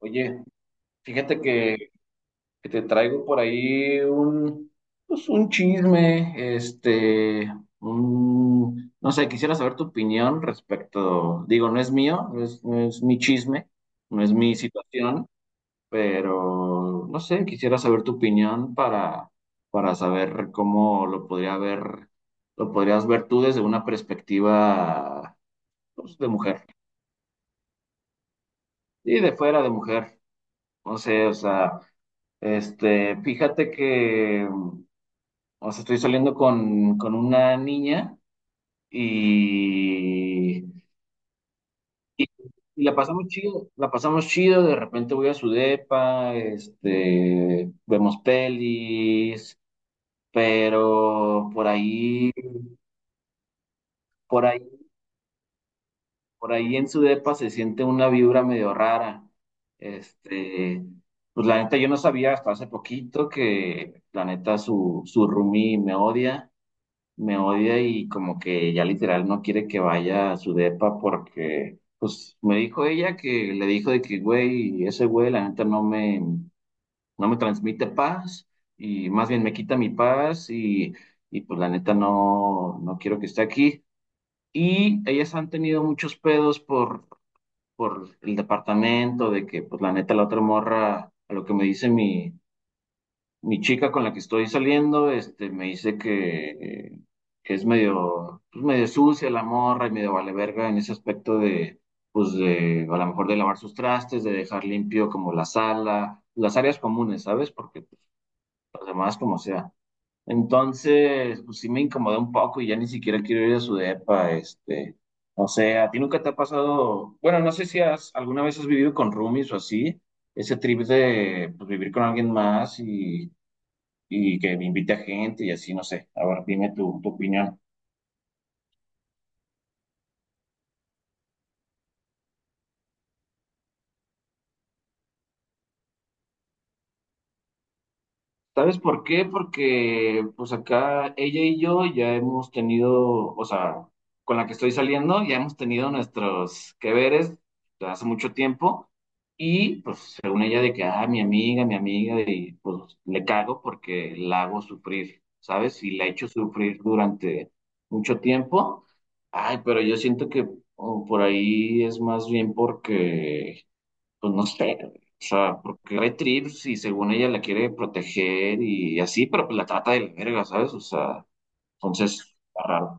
Oye, fíjate que te traigo por ahí un, pues un chisme, no sé, quisiera saber tu opinión respecto, digo, no es mío, no es mi chisme, no es mi situación, pero no sé, quisiera saber tu opinión para saber cómo lo podría ver, lo podrías ver tú desde una perspectiva, pues, de mujer, y de fuera de mujer, no sé, o sea. Fíjate que, o sea, estoy saliendo con una niña y, y, y la pasamos chido, de repente voy a su depa, vemos pelis, pero por ahí, por ahí en su depa se siente una vibra medio rara. Este, pues la neta yo no sabía hasta hace poquito que la neta su roomie me odia. Me odia y como que ya literal no quiere que vaya a su depa porque, pues, me dijo ella que le dijo de que, güey, ese güey, la neta no me, no me transmite paz y más bien me quita mi paz y pues la neta no, no quiero que esté aquí. Y ellas han tenido muchos pedos por el departamento, de que, pues, la neta la otra morra, a lo que me dice mi chica con la que estoy saliendo, me dice que es medio, pues medio sucia la morra y medio vale verga en ese aspecto de, a lo mejor de lavar sus trastes, de dejar limpio como la sala, las áreas comunes, ¿sabes? Porque pues, las demás como sea. Entonces, pues sí me incomodé un poco y ya ni siquiera quiero ir a su depa, o sea, ¿a ti nunca te ha pasado? Bueno, no sé si has, alguna vez has vivido con roomies o así, ese trip de, pues, vivir con alguien más y que invite a gente y así, no sé. Ahora dime tu opinión. ¿Sabes por qué? Porque pues acá ella y yo ya hemos tenido, o sea, con la que estoy saliendo, ya hemos tenido nuestros que veres de hace mucho tiempo y pues según ella de que, ah, mi amiga, y pues le cago porque la hago sufrir, ¿sabes? Y la he hecho sufrir durante mucho tiempo. Ay, pero yo siento que oh, por ahí es más bien porque pues no sé, o sea, porque hay trips y según ella la quiere proteger y así, pero pues la trata de la verga, ¿sabes? O sea, entonces, está raro.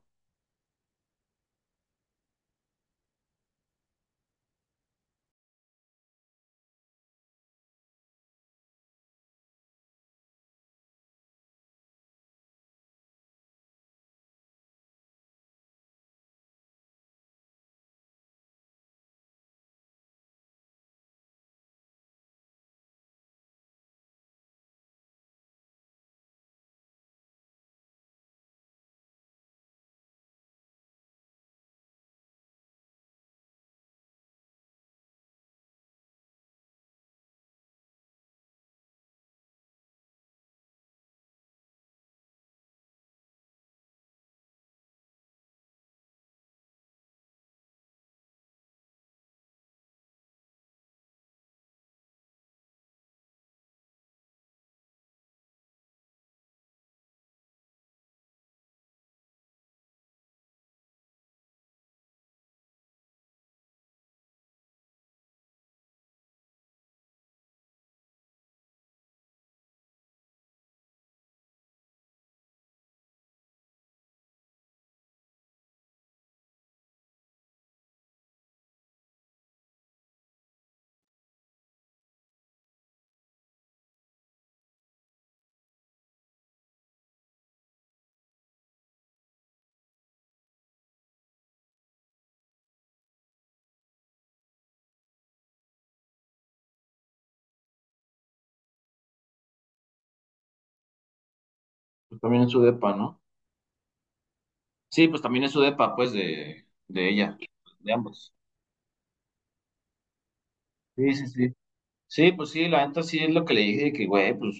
Pues también es su depa, ¿no? Sí, pues también es su depa, pues, de ella, de ambos. Sí, sí, sí. Sí, pues sí, la neta sí es lo que le dije, que güey, pues,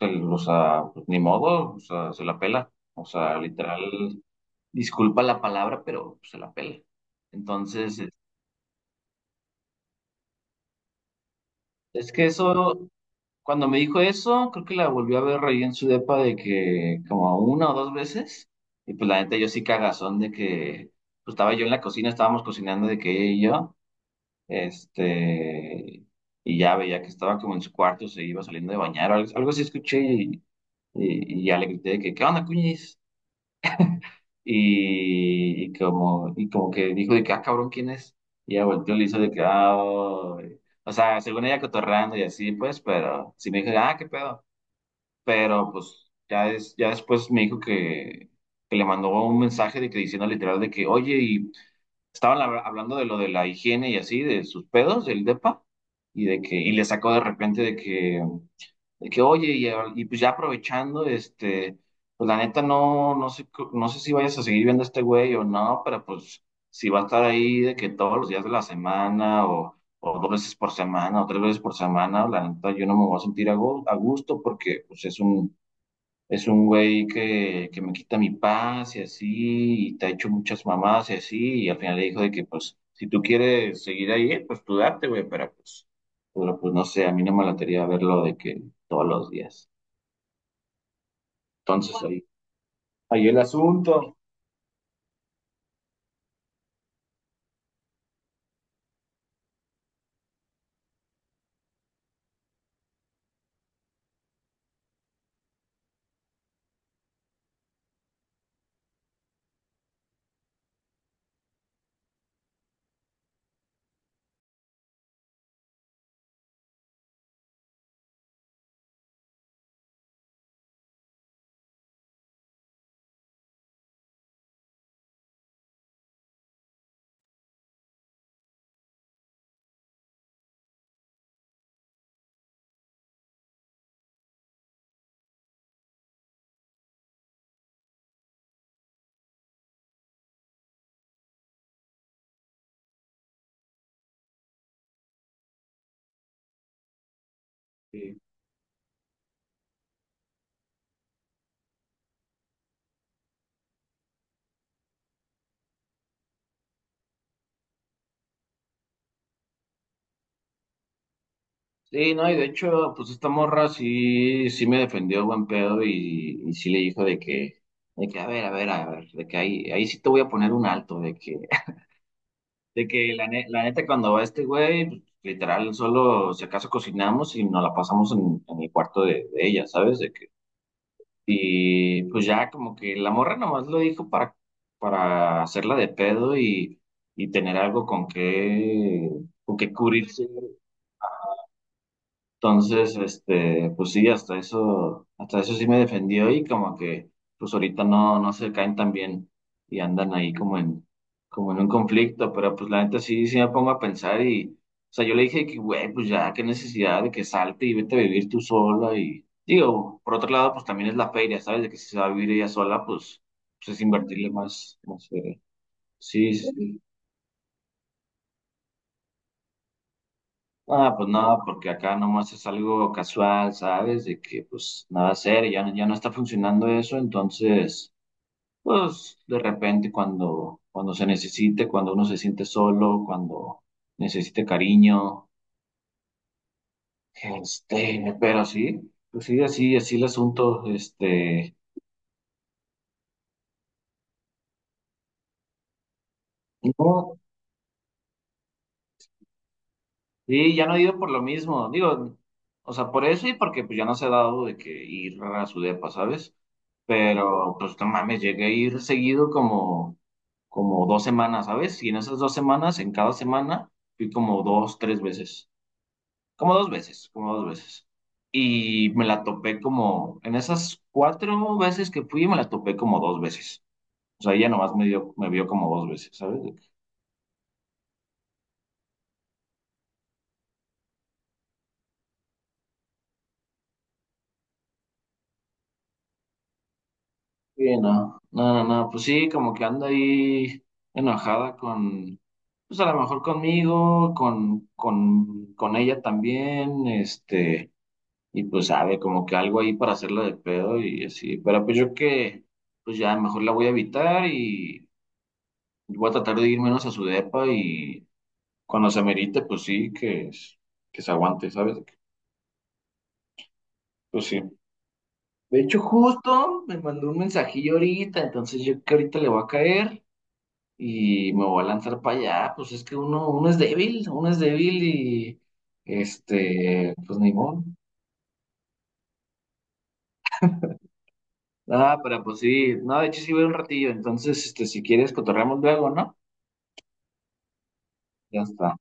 o sea, pues, ni modo, o sea, se la pela. O sea, literal, disculpa la palabra, pero pues, se la pela. Entonces, es es que eso. Cuando me dijo eso, creo que la volví a ver ahí en su depa de que como una o dos veces. Y pues la neta, yo sí cagazón de que pues, estaba yo en la cocina, estábamos cocinando de que ella y yo, este, y ya veía que estaba como en su cuarto, se iba saliendo de bañar, o algo, algo así escuché y, y ya le grité de que, ¿qué onda, cuñis? Y como que dijo de que, ah, cabrón, ¿quién es? Y ya volteó y le hizo de que, ah, oh". O sea, según ella cotorrando y así, pues, pero si me dijo, ah, ¿qué pedo? Pero pues ya, ya después me dijo que le mandó un mensaje de que diciendo literal de que, oye, y estaban hablando de lo de la higiene y así, de sus pedos, del depa, y de que, y le sacó de repente de que oye, y pues ya aprovechando, pues la neta no, no sé, no sé si vayas a seguir viendo a este güey o no, pero pues si va a estar ahí de que todos los días de la semana o dos veces por semana, o tres veces por semana, la neta, yo no me voy a sentir a a gusto porque pues, es un güey que me quita mi paz y así, y te ha hecho muchas mamadas y así, y al final le dijo de que, pues, si tú quieres seguir ahí, pues tú date, güey, pero pues no sé, a mí no me latería verlo de que todos los días. Entonces ahí, ahí el asunto. Sí, sí, no, y de hecho, pues esta morra sí, sí me defendió buen pedo y sí le dijo de que, a ver, a ver, a ver, de que ahí, ahí sí te voy a poner un alto, de que de que la neta, cuando va este güey, pues, literal, solo si acaso cocinamos y nos la pasamos en el cuarto de ella, ¿sabes? De que, y pues ya como que la morra nomás lo dijo para hacerla de pedo y tener algo con que cubrirse entonces, pues sí, hasta eso sí me defendió y como que, pues ahorita no, no se caen tan bien y andan ahí como en, como en un conflicto, pero pues la neta sí, sí me pongo a pensar y, o sea, yo le dije que, güey, pues ya, qué necesidad de que salte y vete a vivir tú sola y, digo, por otro lado, pues también es la feria, ¿sabes? De que si se va a vivir ella sola, pues, pues es invertirle más, más feria. Sí, sí. Sí. Ah, pues no, porque acá nomás es algo casual, ¿sabes? De que pues nada serio, ya, ya no está funcionando eso, entonces, pues de repente cuando se necesite, cuando uno se siente solo, cuando necesite cariño, pero sí, pues sí, así el asunto, no, sí, ya no he ido por lo mismo, digo, o sea, por eso y porque pues ya no se ha dado de que ir a su depa, ¿sabes? Pero pues no mames, llegué a ir seguido como dos semanas, ¿sabes? Y en esas dos semanas, en cada semana, fui como dos, tres veces, como dos veces. Y me la topé como, en esas cuatro veces que fui, me la topé como dos veces. O sea, ella nomás me dio, me vio como dos veces, ¿sabes? De que, sí, no, no, no, no, pues sí, como que anda ahí enojada con, pues a lo mejor conmigo, con ella también, este. Y pues sabe, como que algo ahí para hacerla de pedo y así. Pero pues yo que, pues ya mejor la voy a evitar y voy a tratar de ir menos a su depa y cuando se amerite, pues sí, que se aguante, ¿sabes? Pues sí. De hecho, justo me mandó un mensajillo ahorita, entonces yo que ahorita le voy a caer y me voy a lanzar para allá. Pues es que uno, uno es débil y este, pues ni modo. Ah, pero pues sí, no, de hecho sí voy un ratillo, entonces este, si quieres cotorreamos luego, ¿no? Ya está.